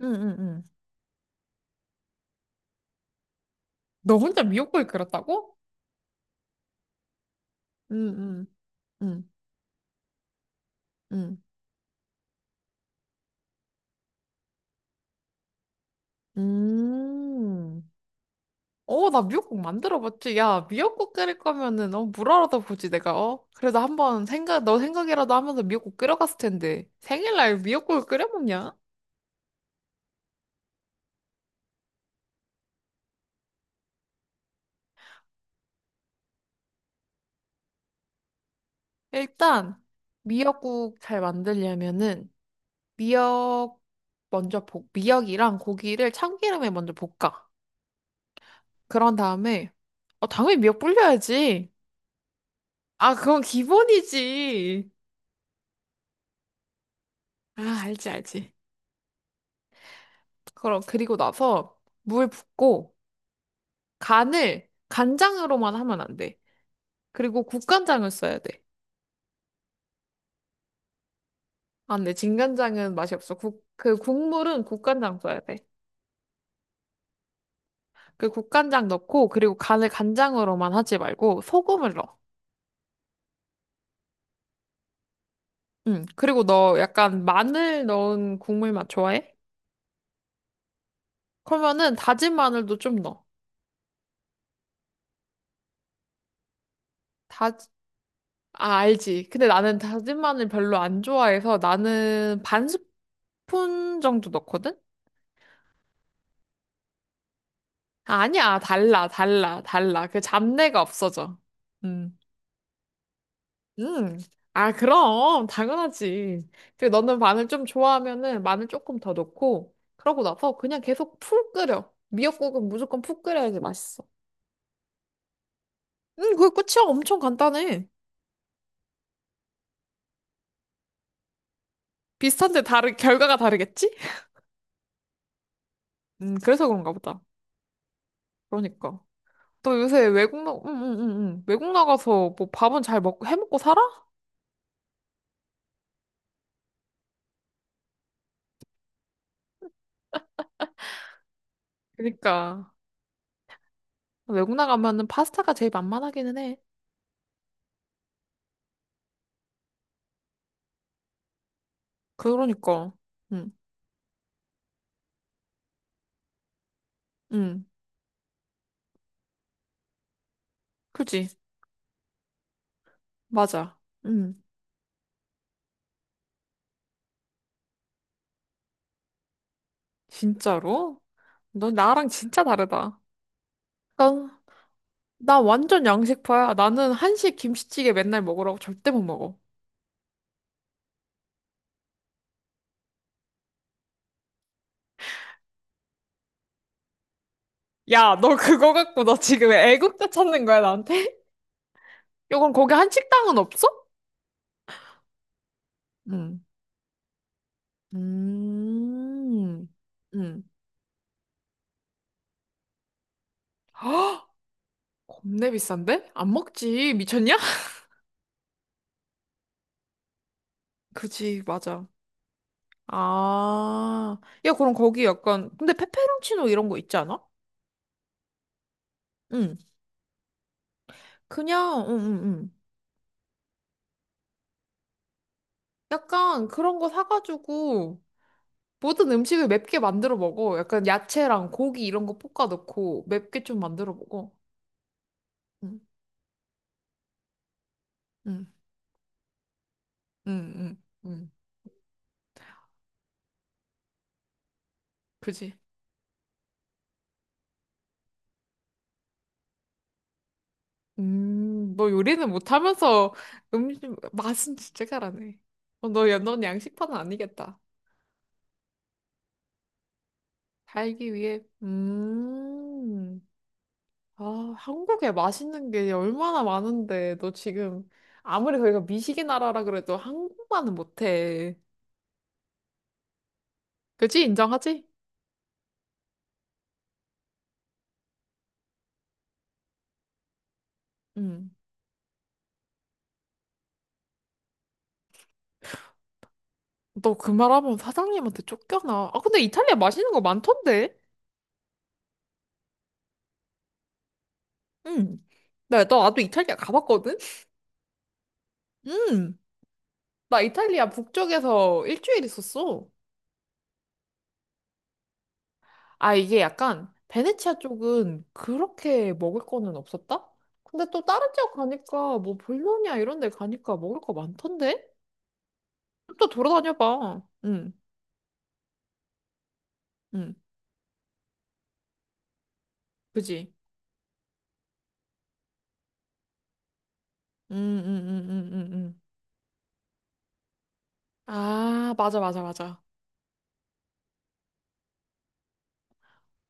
응, 응, 응. 너 혼자 미역국을 끓였다고? 응, 응, 응, 응. 음. 어, 나 미역국 만들어봤지. 야, 미역국 끓일 거면은, 어, 물어라도 보지, 내가, 어? 그래도 한번 생각, 너 생각이라도 하면서 미역국 끓여갔을 텐데. 생일날 미역국을 끓여 먹냐? 일단, 미역국 잘 만들려면은, 미역, 미역이랑 고기를 참기름에 먼저 볶아. 그런 다음에, 어, 당연히 미역 불려야지. 아, 그건 기본이지. 아, 알지, 알지. 그럼, 그리고 나서 물 붓고 간을 간장으로만 하면 안 돼. 그리고 국간장을 써야 돼. 안 돼. 진간장은 맛이 없어. 국, 그 국물은 국간장 써야 돼. 그 국간장 넣고, 그리고 간을 간장으로만 하지 말고 소금을 넣어. 응. 그리고 너 약간 마늘 넣은 국물 맛 좋아해? 그러면은 다진 마늘도 좀 넣어. 다, 아, 알지. 근데 나는 다진 마늘 별로 안 좋아해서 나는 반 스푼 정도 넣거든? 아니야, 달라, 달라, 달라. 그 잡내가 없어져. 음, 음. 아, 그럼, 당연하지. 그리고 너는 마늘 좀 좋아하면은 마늘 조금 더 넣고, 그러고 나서 그냥 계속 푹 끓여. 미역국은 무조건 푹 끓여야지 맛있어. 그게 끝이야. 엄청 간단해. 비슷한데 결과가 다르겠지? 그래서 그런가 보다. 그러니까. 너 요새 외국 나, 응, 응, 응, 응. 외국 나가서 뭐 밥은 잘 먹고, 해 먹고 살아? 그러니까. 외국 나가면은 파스타가 제일 만만하기는 해. 그러니까. 응, 응. 그지? 맞아. 응. 진짜로? 너 나랑 진짜 다르다. 나, 나 완전 양식파야. 나는 한식 김치찌개 맨날 먹으라고 절대 못 먹어. 야, 너 그거 갖고 너 지금 애국자 찾는 거야, 나한테? 요건 거기 한식당은 없어? 응. 음. 응. 헉! 겁내 비싼데? 안 먹지. 미쳤냐? 그지, 맞아. 아. 야, 그럼 거기 약간, 근데 페페론치노 이런 거 있지 않아? 응. 그냥, 응, 응, 응. 약간 그런 거 사가지고 모든 음식을 맵게 만들어 먹어. 약간 야채랑 고기 이런 거 볶아 넣고 맵게 좀 만들어 먹어. 응, 응, 응, 응, 응. 그지? 너 요리는 못하면서 음식 맛은 진짜 잘하네. 어, 너, 야, 넌 양식파는 아니겠다. 살기 위해. 음. 아, 한국에 맛있는 게 얼마나 많은데, 너 지금 아무리 거기가 미식의 나라라 그래도 한국만은 못해. 그지? 인정하지? 응. 너 그 말하면 사장님한테 쫓겨나. 아, 근데 이탈리아 맛있는 거 많던데? 응. 나도 이탈리아 가봤거든? 응. 나 이탈리아 북쪽에서 일주일 있었어. 아, 이게 약간 베네치아 쪽은 그렇게 먹을 거는 없었다? 근데 또 다른 지역 가니까 뭐 볼로냐 이런 데 가니까 먹을 거 많던데? 또 돌아다녀봐. 응, 응, 그지? 응, 응, 응, 응, 응, 응. 아, 맞아, 맞아, 맞아.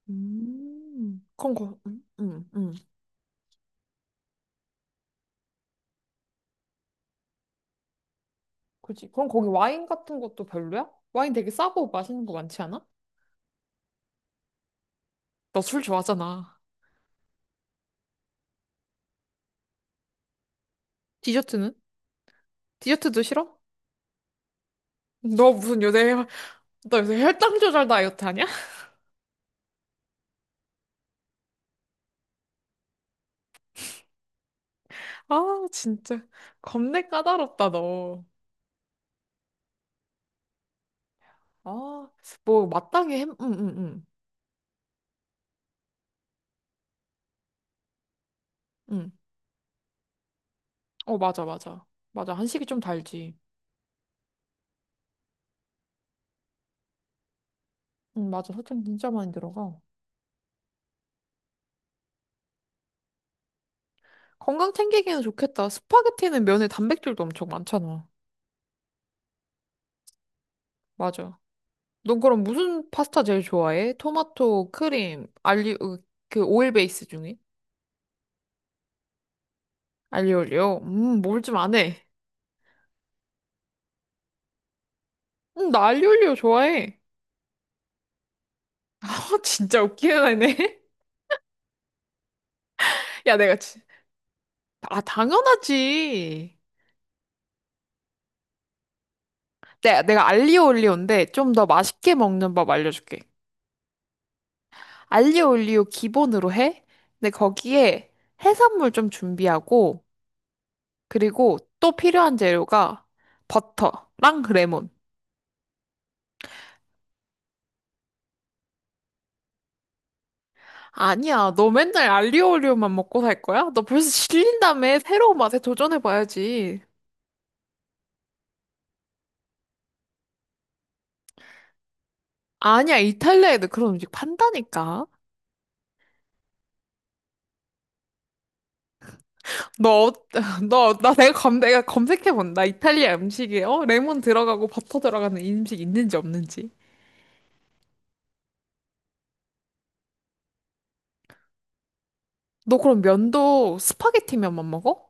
그럼 거, 응, 응, 응. 그지? 그럼 거기 와인 같은 것도 별로야? 와인 되게 싸고 맛있는 거 많지 않아? 너 술 좋아하잖아. 디저트는? 디저트도 싫어? 너 무슨 요새, 혈- 너 요새 혈당 조절 다이어트 하냐? 아, 진짜. 겁내 까다롭다, 너. 아, 뭐, 마땅히 햄, 응, 응, 응. 응. 어, 맞아, 맞아. 맞아. 한식이 좀 달지. 맞아. 설탕 진짜 많이 들어가. 건강 챙기기는 좋겠다. 스파게티는 면에 단백질도 엄청 많잖아. 맞아. 넌 그럼 무슨 파스타 제일 좋아해? 토마토, 크림, 그 오일 베이스 중에? 알리올리오? 뭘 좀 안 해. 나 알리올리오 좋아해. 아, 진짜 웃기는 애네. 야, 내가 진 아, 당연하지. 내가 알리올리오인데 좀 더 맛있게 먹는 법 알려줄게. 알리올리오 기본으로 해? 근데 거기에 해산물 좀 준비하고, 그리고 또 필요한 재료가 버터랑 레몬. 아니야, 너 맨날 알리오올리오만 먹고 살 거야? 너 벌써 질린 다음에 새로운 맛에 도전해봐야지. 아니야, 이탈리아에도 그런 음식 판다니까. 너, 어- 너, 나 내가 검색해본다. 이탈리아 음식에, 어? 레몬 들어가고 버터 들어가는 이 음식 있는지 없는지. 너 그럼 면도 스파게티 면만 먹어?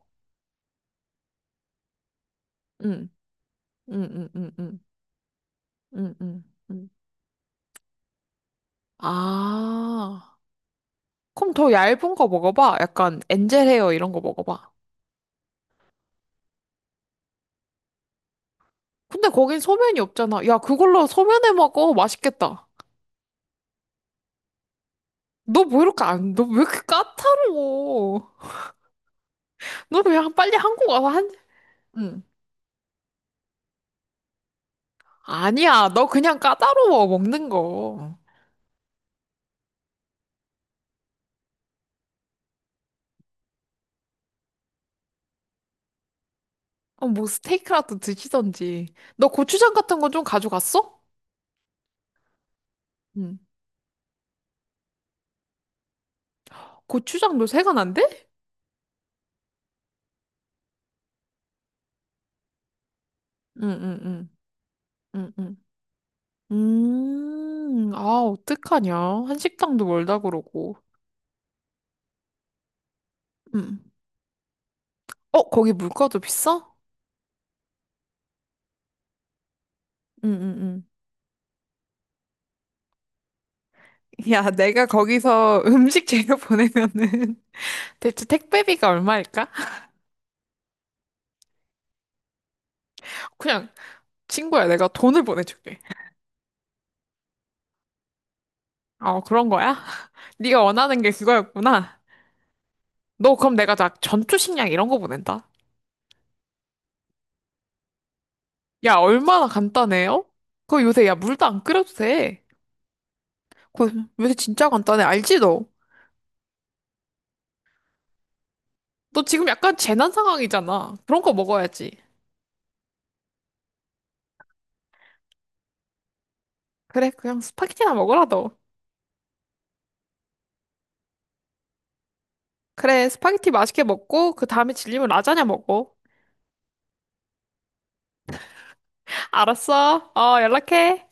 응, 응, 응, 응, 응, 응, 응. 응. 아. 그럼 더 얇은 거 먹어봐. 약간 엔젤 헤어 이런 거 먹어봐. 근데 거긴 소면이 없잖아. 야, 그걸로 소면해 먹어. 맛있겠다. 너 뭐 이렇게 안, 너 왜 이렇게 까다로워? 너 그냥 빨리 한국 와서 한, 응. 아니야, 너 그냥 까다로워, 먹는 거. 어, 뭐 스테이크라도 드시던지. 너 고추장 같은 거 좀 가져갔어? 응. 고추장 너 생각 안 돼? 응, 응, 응, 응, 응. 아, 어떡하냐. 한식당도 멀다 그러고. 응. 어, 거기 물가도 비싸? 응응응. 야, 내가 거기서 음식 재료 보내면은 대체 택배비가 얼마일까? 그냥 친구야, 내가 돈을 보내줄게. 어, 그런 거야? 네가 원하는 게 그거였구나. 너 그럼 내가 나 전투 식량 이런 거 보낸다. 야, 얼마나 간단해요? 그거 요새 야 물도 안 끓여도 돼. 그거 요새 진짜 간단해. 알지 너? 너 지금 약간 재난 상황이잖아. 그런 거 먹어야지. 그래, 그냥 스파게티나 먹으라 너. 그래, 스파게티 맛있게 먹고, 그 다음에 질리면 라자냐 먹어. 알았어. 어, 연락해.